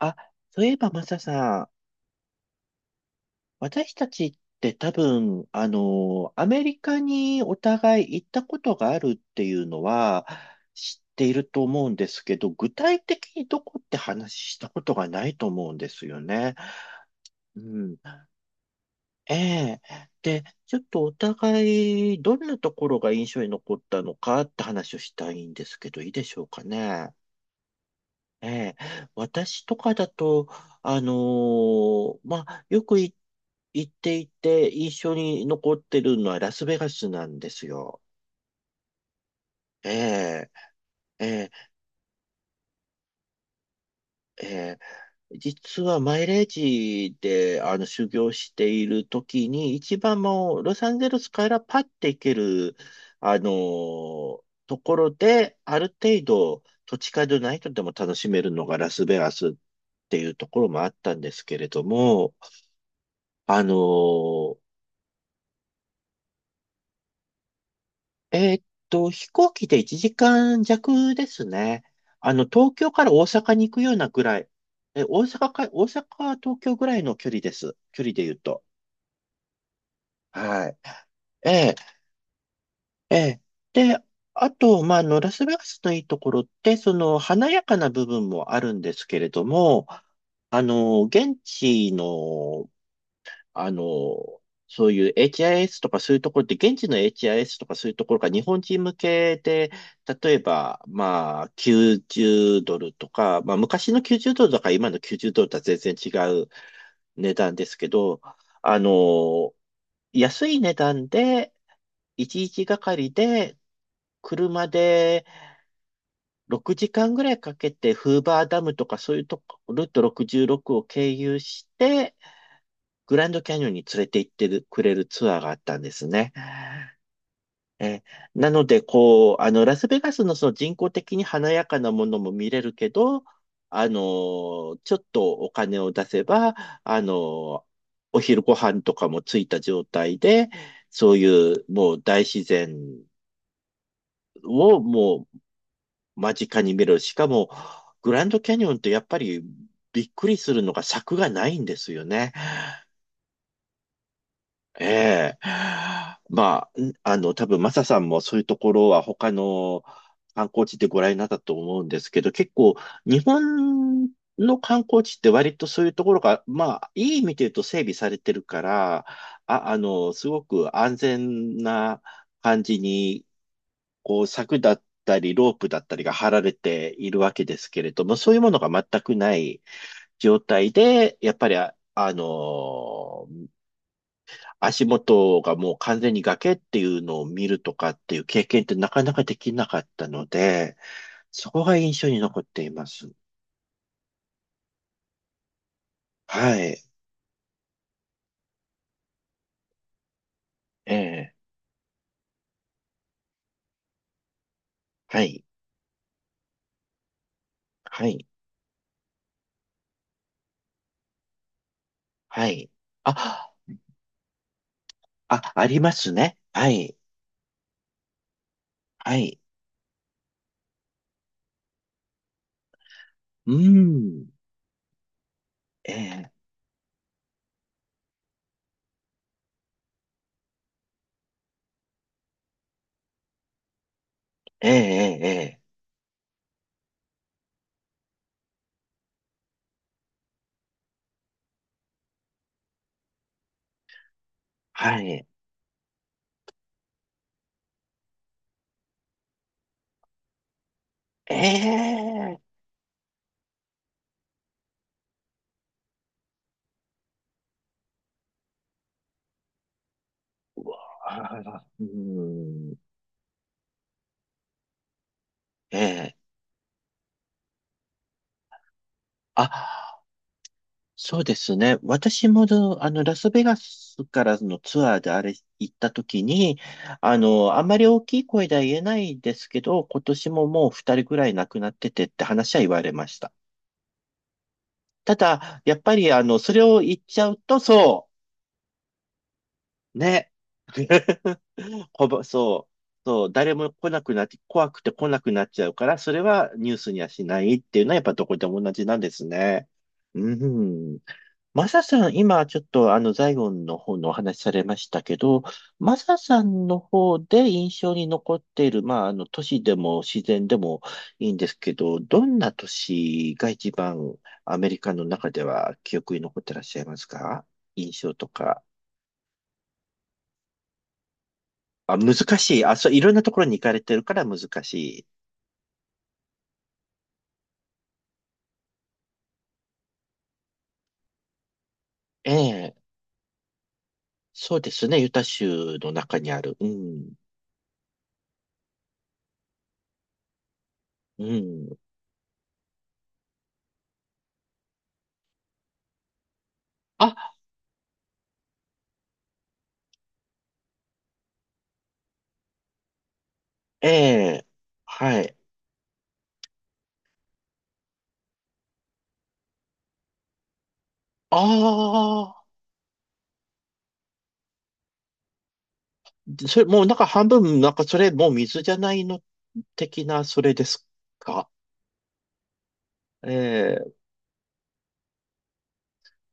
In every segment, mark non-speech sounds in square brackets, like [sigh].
あ、そういえばマサさん、私たちって多分、アメリカにお互い行ったことがあるっていうのは知っていると思うんですけど、具体的にどこって話したことがないと思うんですよね。うん。ええ。で、ちょっとお互いどんなところが印象に残ったのかって話をしたいんですけど、いいでしょうかね。ええ、私とかだと、まあ、よくい行っていて印象に残ってるのはラスベガスなんですよ。ええ、ええ、ええ、実はマイレージで修行している時に、一番もうロサンゼルスからパッて行ける、ところで、ある程度土地勘でないとでも楽しめるのがラスベガスっていうところもあったんですけれども、あのー飛行機で1時間弱ですね。東京から大阪に行くようなぐらい。大阪、東京ぐらいの距離です。距離で言うと。はい。ええ、ええ。で、あと、まあ、ラスベガスのいいところって、その、華やかな部分もあるんですけれども、現地のあの、そういう HIS とかそういうところって、現地の HIS とかそういうところが日本人向けで、例えば、まあ、90ドルとか、まあ、昔の90ドルとか今の90ドルとは全然違う値段ですけど、あの、安い値段で、1日がかりで、車で6時間ぐらいかけて、フーバーダムとかそういうとこ、ルート66を経由して、グランドキャニオンに連れて行ってるくれるツアーがあったんですね。え、なので、こう、ラスベガスのその人工的に華やかなものも見れるけど、ちょっとお金を出せば、あの、お昼ご飯とかもついた状態で、そういうもう大自然をもう間近に見れる。しかも、グランドキャニオンってやっぱりびっくりするのが柵がないんですよね。ええ。まあ、多分マサさんもそういうところは他の観光地でご覧になったと思うんですけど、結構日本の観光地って割とそういうところが、まあ、いい意味で言うと整備されてるから、すごく安全な感じに、こう、柵だったり、ロープだったりが張られているわけですけれども、そういうものが全くない状態で、やっぱり足元がもう完全に崖っていうのを見るとかっていう経験ってなかなかできなかったので、そこが印象に残っています。はい。ええ。はい。はい。はい。あ、あ、ありますね。はい。はい。うん。ええ。ええ。ええ。ええ、はい。ええ。あら、うん。ええ。あ、そうですね。私もど、あの、ラスベガスからのツアーであれ行った時に、あんまり大きい声では言えないですけど、今年ももう2人ぐらい亡くなっててって話は言われました。ただ、やっぱり、それを言っちゃうと、そう、ね。[laughs] ほぼ、そう、そう、誰も来なくなって、怖くて来なくなっちゃうから、それはニュースにはしないっていうのはやっぱどこでも同じなんですね。うん。マサさん、今ちょっとザイオンの方のお話しされましたけど、マサさんの方で印象に残っている、まあ、都市でも自然でもいいんですけど、どんな都市が一番アメリカの中では記憶に残ってらっしゃいますか、印象とか。あ、難しい。あ、そう、いろんなところに行かれてるから難しい。ええ、そうですね。ユタ州の中にある。うん。うん。あ、ええ、はい。ああ。でそれ、もうなんか半分、なんかそれ、もう水じゃないの的な、それですか。え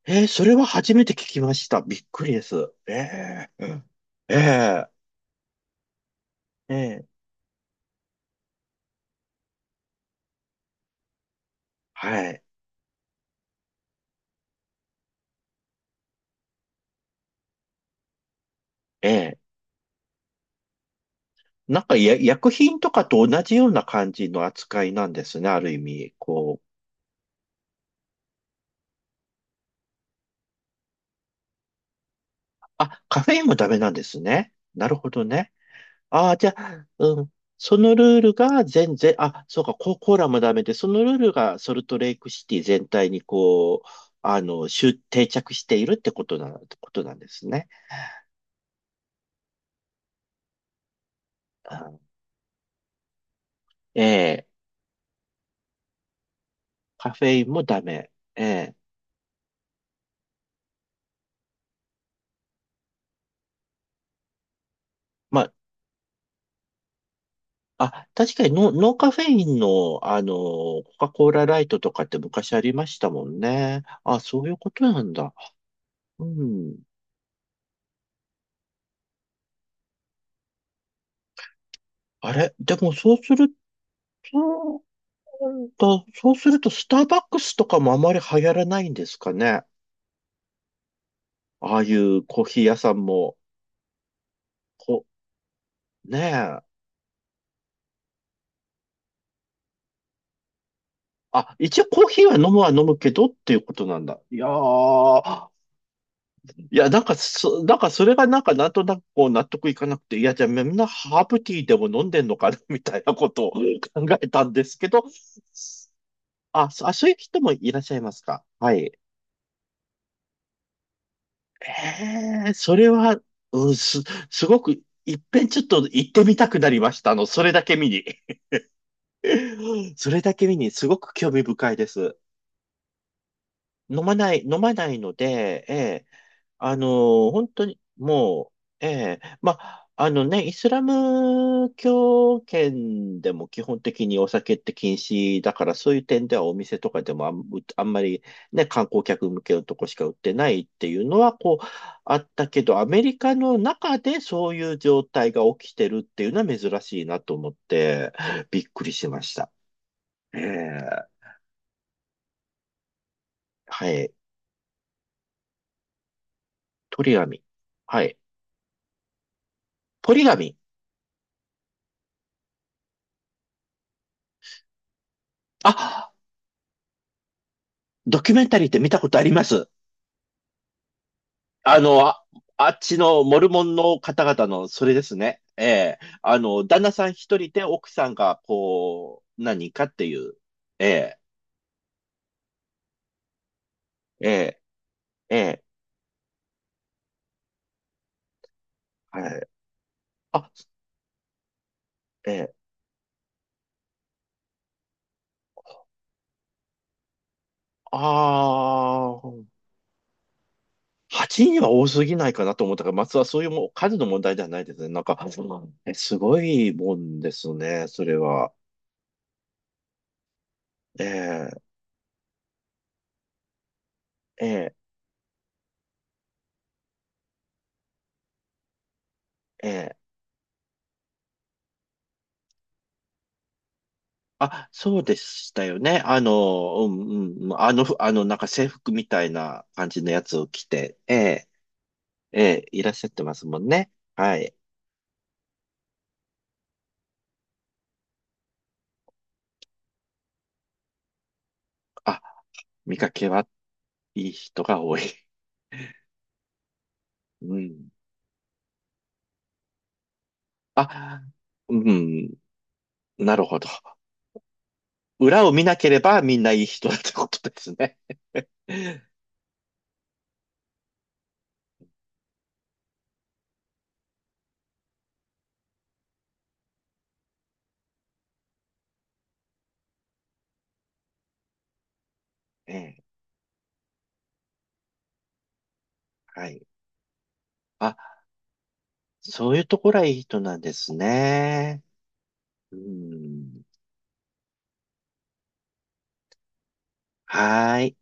ー、えー、それは初めて聞きました。びっくりです。えー、うん、えー、えー、はい。えー、なんか、薬品とかと同じような感じの扱いなんですね、ある意味。こう。あ、カフェインもダメなんですね。なるほどね。ああ、じゃあ、うん。そのルールが全然、あ、そうか、コーラもダメで、そのルールがソルトレイクシティ全体にこう、集定着しているってことなんですね。あ、ええ、カフェインもダメ。ええ、まあ、あ、確かにノーカフェインの、コカ・コーラライトとかって昔ありましたもんね。あ、そういうことなんだ。うん。あれ、でもそうすると、うん、だそうすると、スターバックスとかもあまり流行らないんですかね。ああいうコーヒー屋さんも、こ、ねえ。あ、一応コーヒーは飲むは飲むけどっていうことなんだ。いやー、いや、なんかそれがなんかなんとなくこう納得いかなくて、いや、じゃあみんなハーブティーでも飲んでんのかな [laughs] みたいなことを考えたんですけど、あ、そういう人もいらっしゃいますか。はい。ええ、それは、うん、すごく、いっぺんちょっと行ってみたくなりました。それだけ見に。[laughs] それだけ見に、すごく興味深いです。飲まない、飲まないので、えあのー本当に、もう、ええ、まあ、あのね、イスラム教圏でも基本的にお酒って禁止だから、そういう点ではお店とかでもあんまりね、観光客向けのとこしか売ってないっていうのは、こう、あったけど、アメリカの中でそういう状態が起きてるっていうのは珍しいなと思って、びっくりしました。ええ、はい。鳥紙。はい。ポリ紙。あ、ドキュメンタリーって見たことあります。あ、あっちのモルモンの方々のそれですね。ええ。旦那さん1人で奥さんが、こう、何かっていう。ええ、ええ、ええ、はい。あ、ええ、ああ、8人は多すぎないかなと思ったから、松はそういうもう数の問題ではないですね。なんか、すごいもんですね、それは。ええ、ええ、ええ。あ、そうでしたよね。うん、うん、あの、ふあの、なんか制服みたいな感じのやつを着て、ええ、ええ、いらっしゃってますもんね。はい。あ、見かけはいい人が多い。[laughs] うん。あ、うん、なるほど。裏を見なければみんないい人だってことですね。[laughs] ええ、はい。あ、そういうところはいい人なんですね。うん。はーい。